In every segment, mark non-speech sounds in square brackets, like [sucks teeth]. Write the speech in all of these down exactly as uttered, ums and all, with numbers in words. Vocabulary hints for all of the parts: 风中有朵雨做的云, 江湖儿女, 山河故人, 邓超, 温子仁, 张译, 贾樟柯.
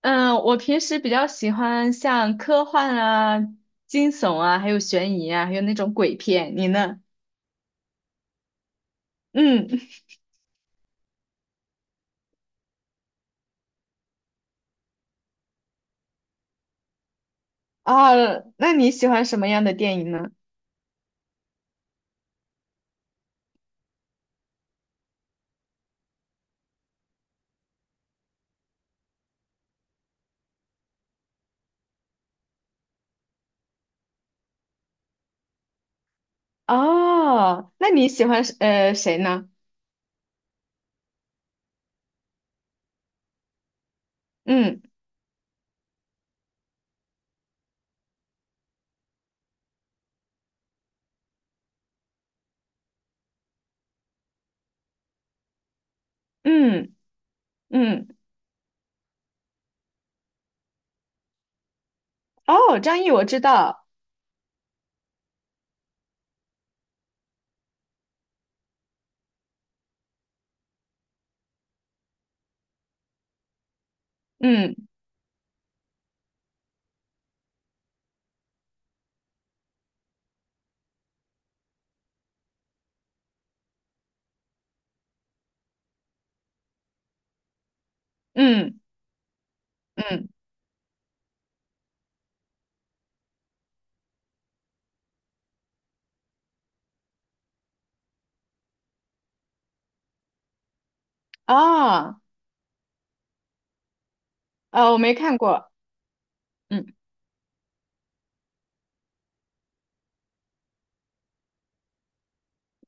嗯，我平时比较喜欢像科幻啊、惊悚啊，还有悬疑啊，还有那种鬼片。你呢？嗯，啊，那你喜欢什么样的电影呢？哦，那你喜欢呃谁呢？嗯嗯嗯，哦，张译我知道，嗯嗯嗯，哦，呃，我没看过，嗯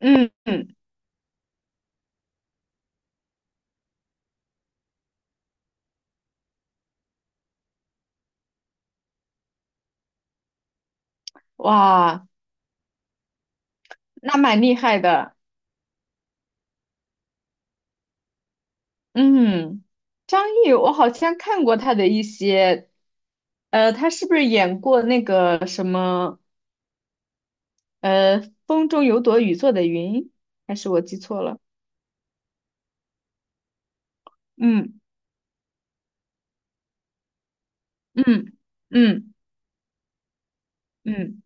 嗯嗯，哇，那蛮厉害的。嗯，张译，我好像看过他的一些，呃，他是不是演过那个什么，呃，《风中有朵雨做的云》，还是我记错了？嗯嗯嗯嗯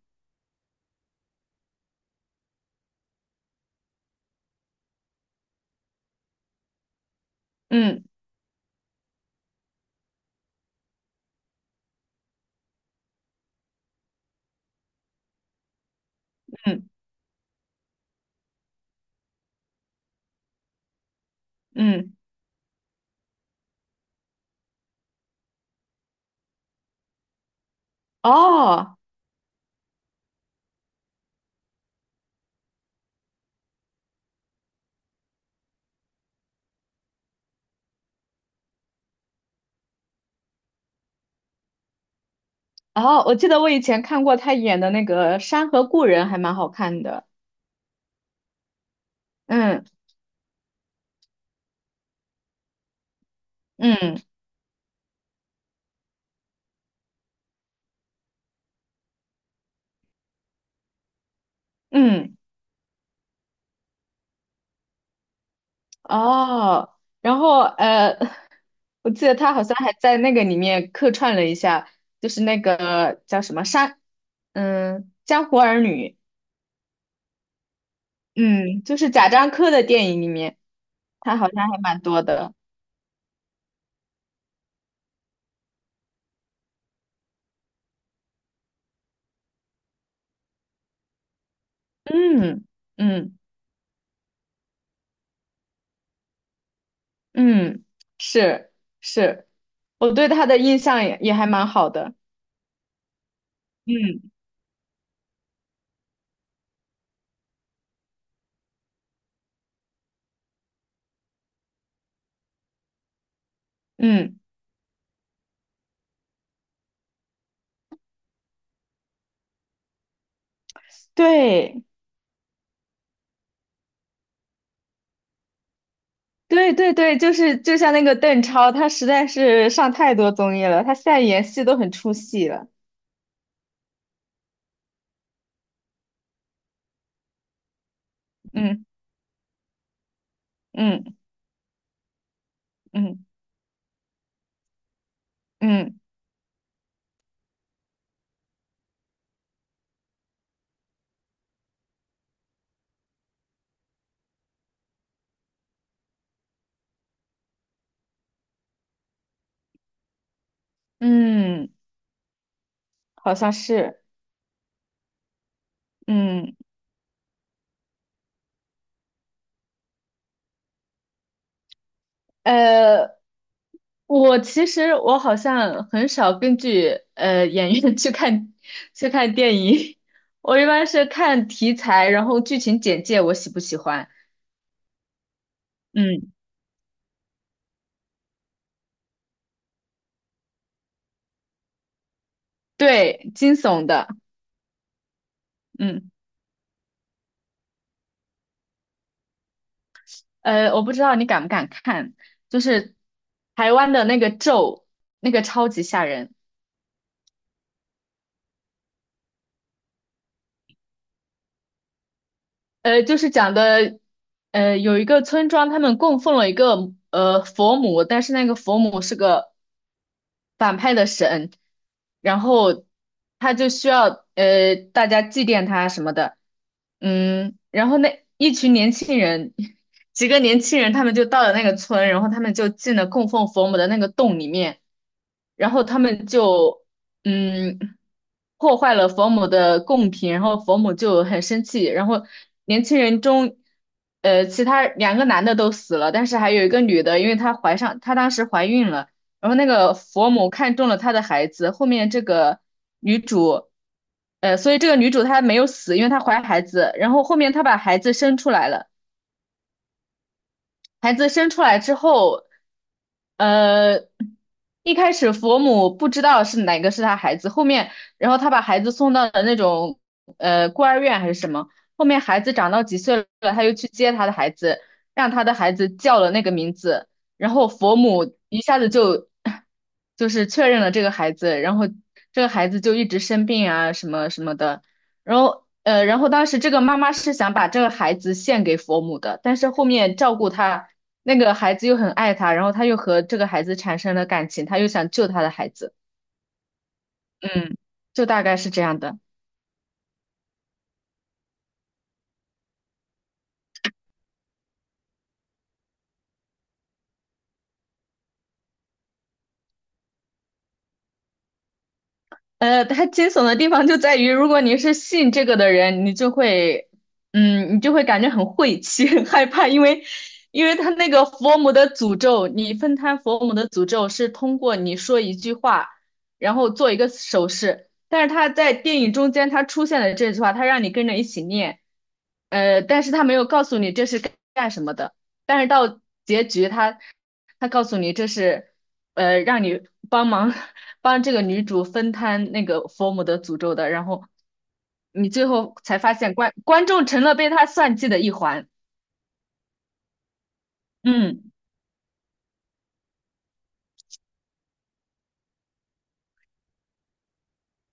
嗯嗯嗯，哦哦，我记得我以前看过他演的那个《山河故人》，还蛮好看的。嗯嗯嗯。哦，然后呃，[laughs] 我记得他好像还在那个里面客串了一下，就是那个叫什么山，嗯，江湖儿女，嗯，就是贾樟柯的电影里面，他好像还蛮多的，嗯嗯嗯，是是，我对他的印象也也还蛮好的，嗯嗯，对对对对，就是就像那个邓超，他实在是上太多综艺了，他现在演戏都很出戏了。嗯。嗯嗯嗯嗯，好像是，嗯呃，我其实我好像很少根据呃演员 [laughs] 去看去看电影，我一般是看题材，然后剧情简介我喜不喜欢，嗯，对，惊悚的，嗯呃，我不知道你敢不敢看，就是台湾的那个咒，那个超级吓人。呃，就是讲的，呃，有一个村庄，他们供奉了一个呃佛母，但是那个佛母是个反派的神，然后他就需要呃大家祭奠他什么的，嗯，然后那一群年轻人，[laughs] 几个年轻人他们就到了那个村，然后他们就进了供奉佛母的那个洞里面，然后他们就嗯破坏了佛母的贡品，然后佛母就很生气，然后年轻人中。呃，其他两个男的都死了，但是还有一个女的，因为她怀上，她当时怀孕了，然后那个佛母看中了他的孩子，后面这个女主，呃，所以这个女主她没有死，因为她怀孩子，然后后面她把孩子生出来了。孩子生出来之后，呃，一开始佛母不知道是哪个是他孩子，后面，然后他把孩子送到了那种呃孤儿院还是什么，后面孩子长到几岁了，他又去接他的孩子，让他的孩子叫了那个名字，然后佛母一下子就 [sucks teeth] 就是确认了这个孩子，然后这个孩子就一直生病啊什么什么的。然后呃，然后当时这个妈妈是想把这个孩子献给佛母的，但是后面照顾他那个孩子又很爱他，然后他又和这个孩子产生了感情，他又想救他的孩子，嗯，就大概是这样的。呃，它惊悚的地方就在于，如果你是信这个的人，你就会，嗯，你就会感觉很晦气、[laughs] 很害怕，因为，因为他那个佛母的诅咒，你分摊佛母的诅咒是通过你说一句话，然后做一个手势，但是他在电影中间他出现了这句话，他让你跟着一起念，呃，但是他没有告诉你这是干干什么的，但是到结局他他告诉你这是，呃，让你帮忙。[laughs] 帮这个女主分摊那个佛母的诅咒的，然后你最后才发现观观众成了被他算计的一环。嗯，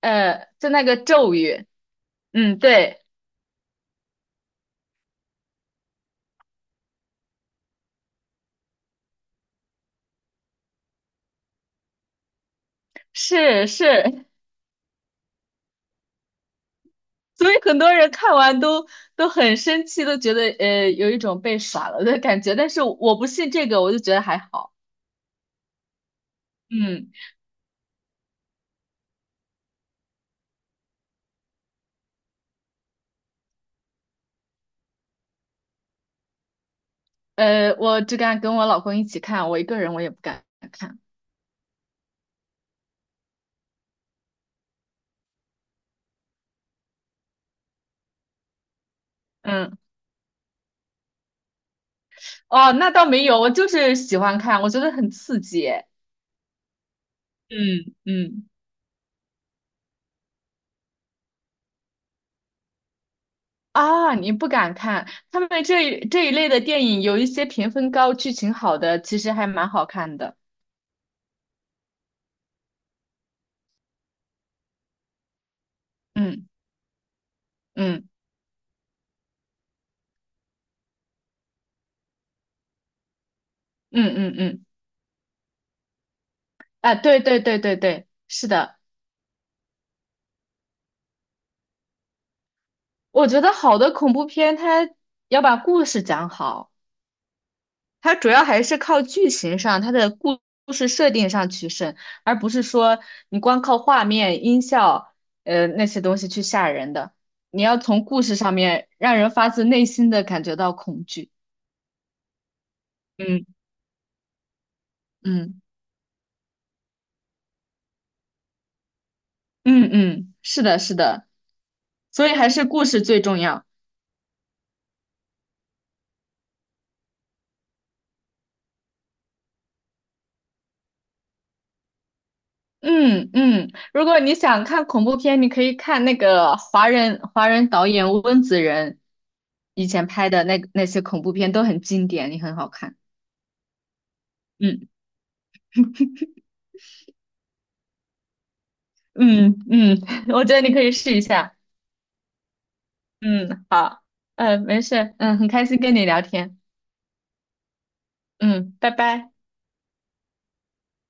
呃，就那个咒语，嗯，对，是是，[laughs] 所以很多人看完都都很生气，都觉得呃有一种被耍了的感觉。但是我不信这个，我就觉得还好。嗯，呃，我只敢跟我老公一起看，我一个人我也不敢看。嗯，哦，那倒没有，我就是喜欢看，我觉得很刺激。嗯嗯。啊，你不敢看他们这一这一类的电影，有一些评分高、剧情好的，其实还蛮好看的。嗯嗯嗯嗯嗯，啊，对对对对对，是的，我觉得好的恐怖片，它要把故事讲好，它主要还是靠剧情上，它的故故事设定上取胜，而不是说你光靠画面、音效，呃，那些东西去吓人的。你要从故事上面让人发自内心的感觉到恐惧。嗯嗯。嗯嗯，是的，是的，所以还是故事最重要。嗯嗯，如果你想看恐怖片，你可以看那个华人华人导演温子仁以前拍的那那些恐怖片都很经典，也很好看。嗯嗯嗯，[laughs] 我觉得你可以试一下。嗯，好，嗯、没事，嗯，很开心跟你聊天。嗯，拜拜。